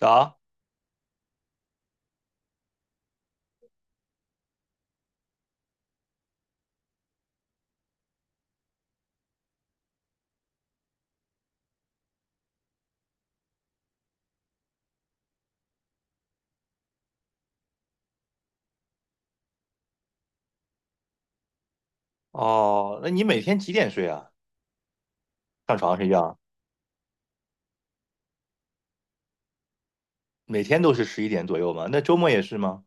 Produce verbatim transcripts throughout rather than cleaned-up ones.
啊，哦，那你每天几点睡啊？上床睡觉，每天都是十一点左右吗？那周末也是吗？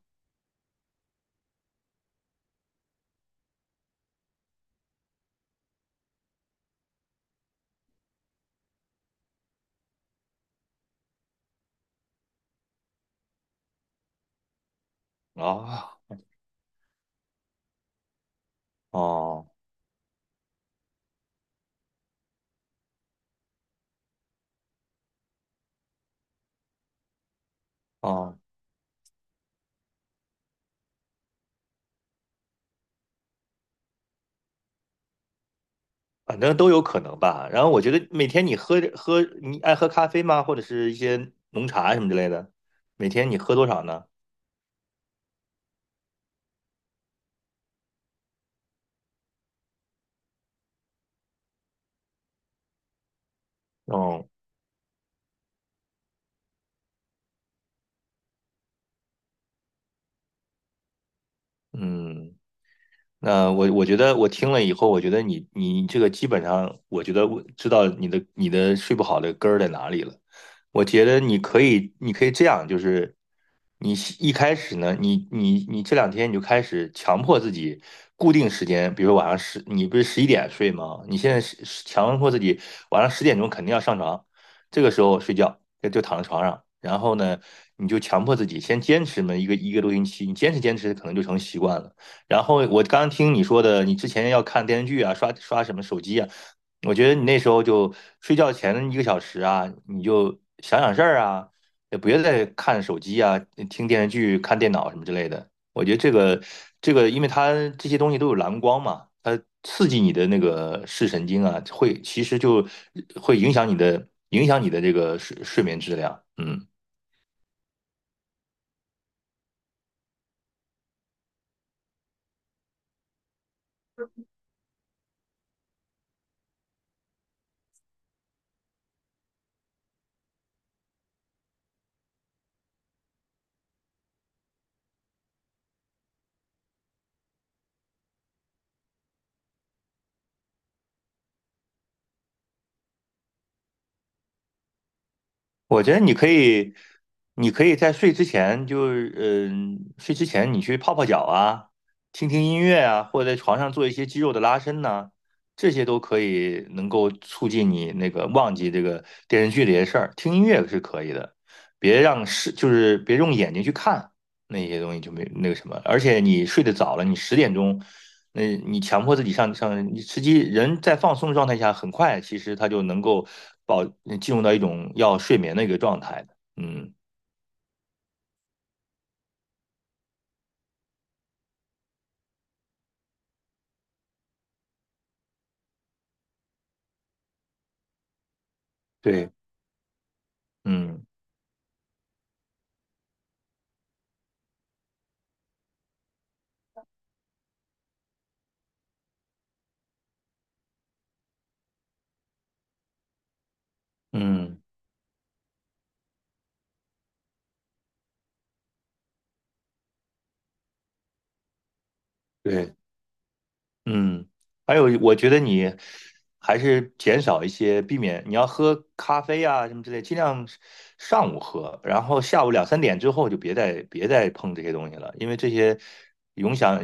啊，哦，哦，反正都有可能吧。然后我觉得每天你喝喝，你爱喝咖啡吗？或者是一些浓茶什么之类的，每天你喝多少呢？哦，嗯。那我我觉得我听了以后，我觉得你你这个基本上，我觉得我知道你的你的睡不好的根儿在哪里了。我觉得你可以你可以这样，就是你一开始呢，你你你这两天你就开始强迫自己固定时间，比如说晚上十，你不是十一点睡吗？你现在是是强迫自己晚上十点钟肯定要上床，这个时候睡觉就就躺在床上，然后呢，你就强迫自己先坚持那么一个一个多星期，你坚持坚持可能就成习惯了。然后我刚听你说的，你之前要看电视剧啊，刷刷什么手机啊，我觉得你那时候就睡觉前一个小时啊，你就想想事儿啊，也不要再看手机啊、听电视剧、看电脑什么之类的。我觉得这个这个，因为它这些东西都有蓝光嘛，它刺激你的那个视神经啊，会其实就会影响你的影响你的这个睡睡眠质量。嗯。我觉得你可以，你可以在睡之前就，嗯，睡之前你去泡泡脚啊，听听音乐啊，或者在床上做一些肌肉的拉伸呐、这些都可以能够促进你那个忘记这个电视剧这些事儿。听音乐是可以的，别让是就是别用眼睛去看那些东西就没那个什么。而且你睡得早了，你十点钟。那你强迫自己上上，你实际人在放松状态下，很快其实他就能够保呃进入到一种要睡眠的一个状态的。嗯对嗯嗯对，嗯，还有我觉得你还是减少一些，避免你要喝咖啡啊什么之类，尽量上午喝，然后下午两三点之后就别再别再碰这些东西了，因为这些影响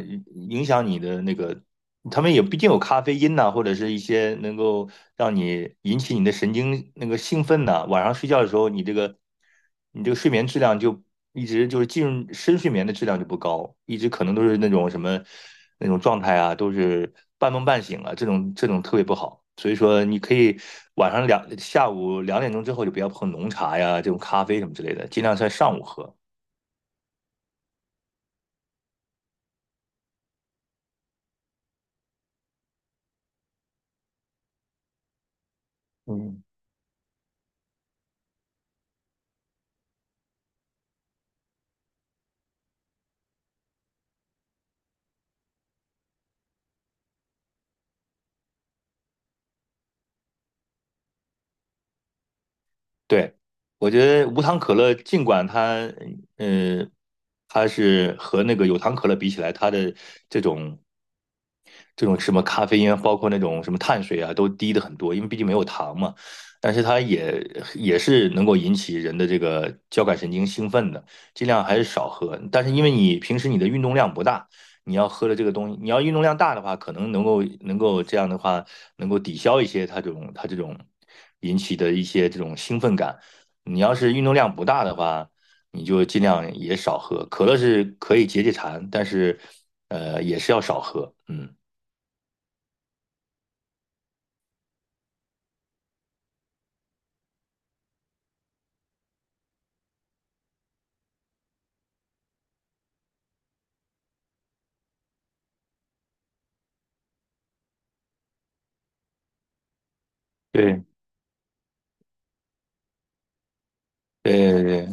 影响你的那个。他们也毕竟有咖啡因呐、或者是一些能够让你引起你的神经那个兴奋呐、晚上睡觉的时候，你这个你这个睡眠质量就一直就是进入深睡眠的质量就不高，一直可能都是那种什么那种状态啊，都是半梦半醒啊，这种这种特别不好。所以说，你可以晚上两下午两点钟之后就不要碰浓茶呀、这种咖啡什么之类的，尽量在上午喝。嗯对，我觉得无糖可乐，尽管它，嗯，它是和那个有糖可乐比起来，它的这种这种什么咖啡因，包括那种什么碳水啊，都低的很多，因为毕竟没有糖嘛。但是它也也是能够引起人的这个交感神经兴奋的，尽量还是少喝。但是因为你平时你的运动量不大，你要喝的这个东西，你要运动量大的话，可能能够能够这样的话，能够抵消一些它这种它这种引起的一些这种兴奋感。你要是运动量不大的话，你就尽量也少喝。可乐是可以解解馋，但是呃也是要少喝。嗯，对。对对对，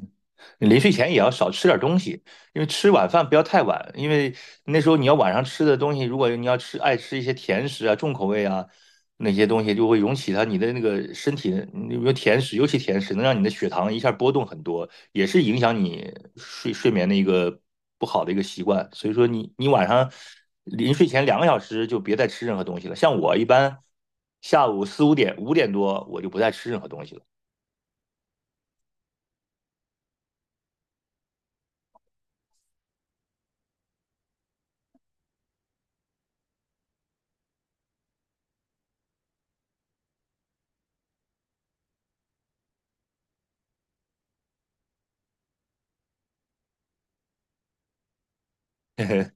临睡前也要少吃点东西，因为吃晚饭不要太晚，因为那时候你要晚上吃的东西，如果你要吃爱吃一些甜食啊、重口味啊那些东西，就会涌起它你的那个身体，你比如甜食，尤其甜食能让你的血糖一下波动很多，也是影响你睡睡眠的一个不好的一个习惯。所以说你你晚上临睡前两个小时就别再吃任何东西了。像我一般下午四五点、五点多我就不再吃任何东西了。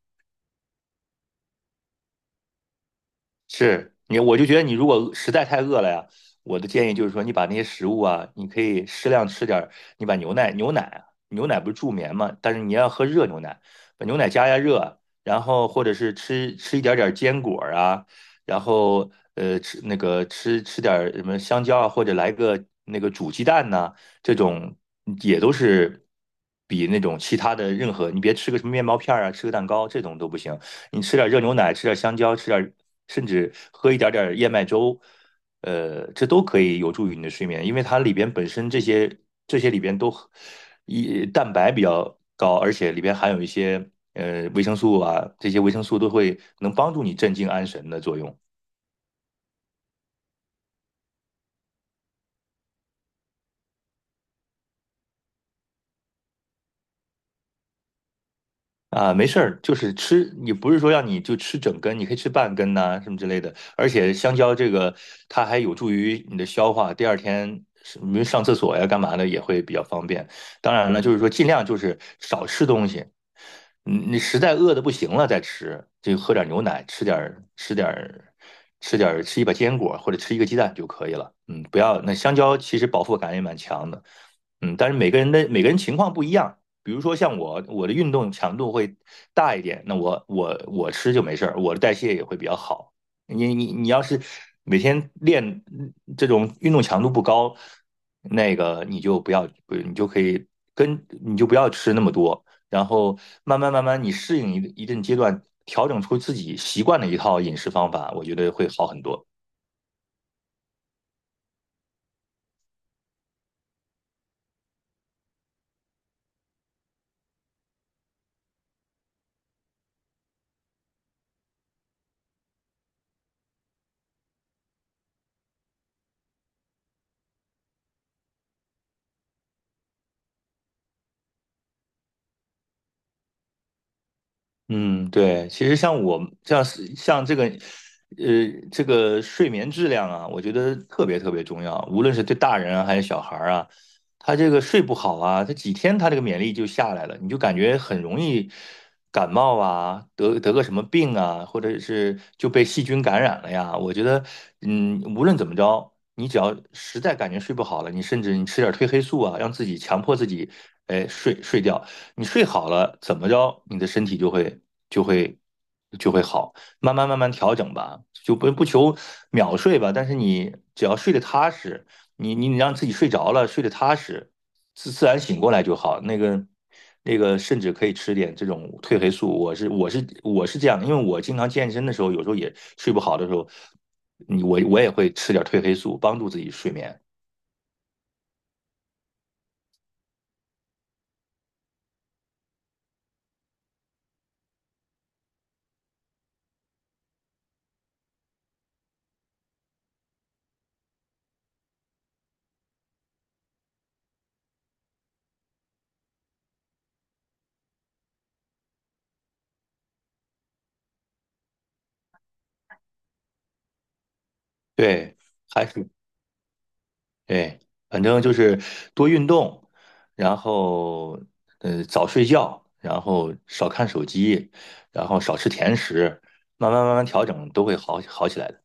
是你，我就觉得你如果实在太饿了呀，我的建议就是说，你把那些食物啊，你可以适量吃点儿。你把牛奶，牛奶啊，牛奶不是助眠嘛，但是你要喝热牛奶，把牛奶加加热，然后或者是吃吃一点点坚果儿啊，然后呃吃那个吃吃点儿什么香蕉啊，或者来个那个煮鸡蛋呐、这种也都是比那种其他的任何，你别吃个什么面包片儿啊，吃个蛋糕这种都不行。你吃点热牛奶，吃点香蕉，吃点甚至喝一点点燕麦粥，呃，这都可以有助于你的睡眠，因为它里边本身这些这些里边都一蛋白比较高，而且里边含有一些呃维生素啊，这些维生素都会能帮助你镇静安神的作用。啊，没事儿，就是吃，你不是说让你就吃整根，你可以吃半根呐、什么之类的。而且香蕉这个，它还有助于你的消化，第二天是比如上厕所呀、干嘛的也会比较方便。当然了，就是说尽量就是少吃东西，你你实在饿的不行了再吃，就喝点牛奶，吃点儿吃点儿吃点儿吃一把坚果或者吃一个鸡蛋就可以了。嗯，不要那香蕉其实饱腹感也蛮强的。嗯，但是每个人的每个人情况不一样。比如说像我，我的运动强度会大一点，那我我我吃就没事儿，我的代谢也会比较好。你你你要是每天练这种运动强度不高，那个你就不要，不你就可以跟你就不要吃那么多，然后慢慢慢慢你适应一一定阶段，调整出自己习惯的一套饮食方法，我觉得会好很多。嗯，对，其实像我像是像这个，呃，这个睡眠质量啊，我觉得特别特别重要，无论是对大人啊还是小孩儿啊，他这个睡不好啊，他几天他这个免疫力就下来了，你就感觉很容易感冒啊，得得个什么病啊，或者是就被细菌感染了呀。我觉得，嗯，无论怎么着，你只要实在感觉睡不好了，你甚至你吃点褪黑素啊，让自己强迫自己，哎，睡睡觉。你睡好了，怎么着，你的身体就会就会就会好，慢慢慢慢调整吧，就不不求秒睡吧，但是你只要睡得踏实，你你你让自己睡着了，睡得踏实，自自然醒过来就好。那个那个，甚至可以吃点这种褪黑素，我是我是我是这样的，因为我经常健身的时候，有时候也睡不好的时候，你我我也会吃点褪黑素，帮助自己睡眠。对，还是对，反正就是多运动，然后呃早睡觉，然后少看手机，然后少吃甜食，慢慢慢慢调整都会好好起来的。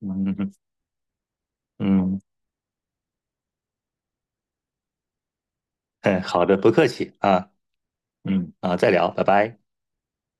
嗯嗯，嗯哎，好的，不客气啊，嗯啊，再聊，拜拜。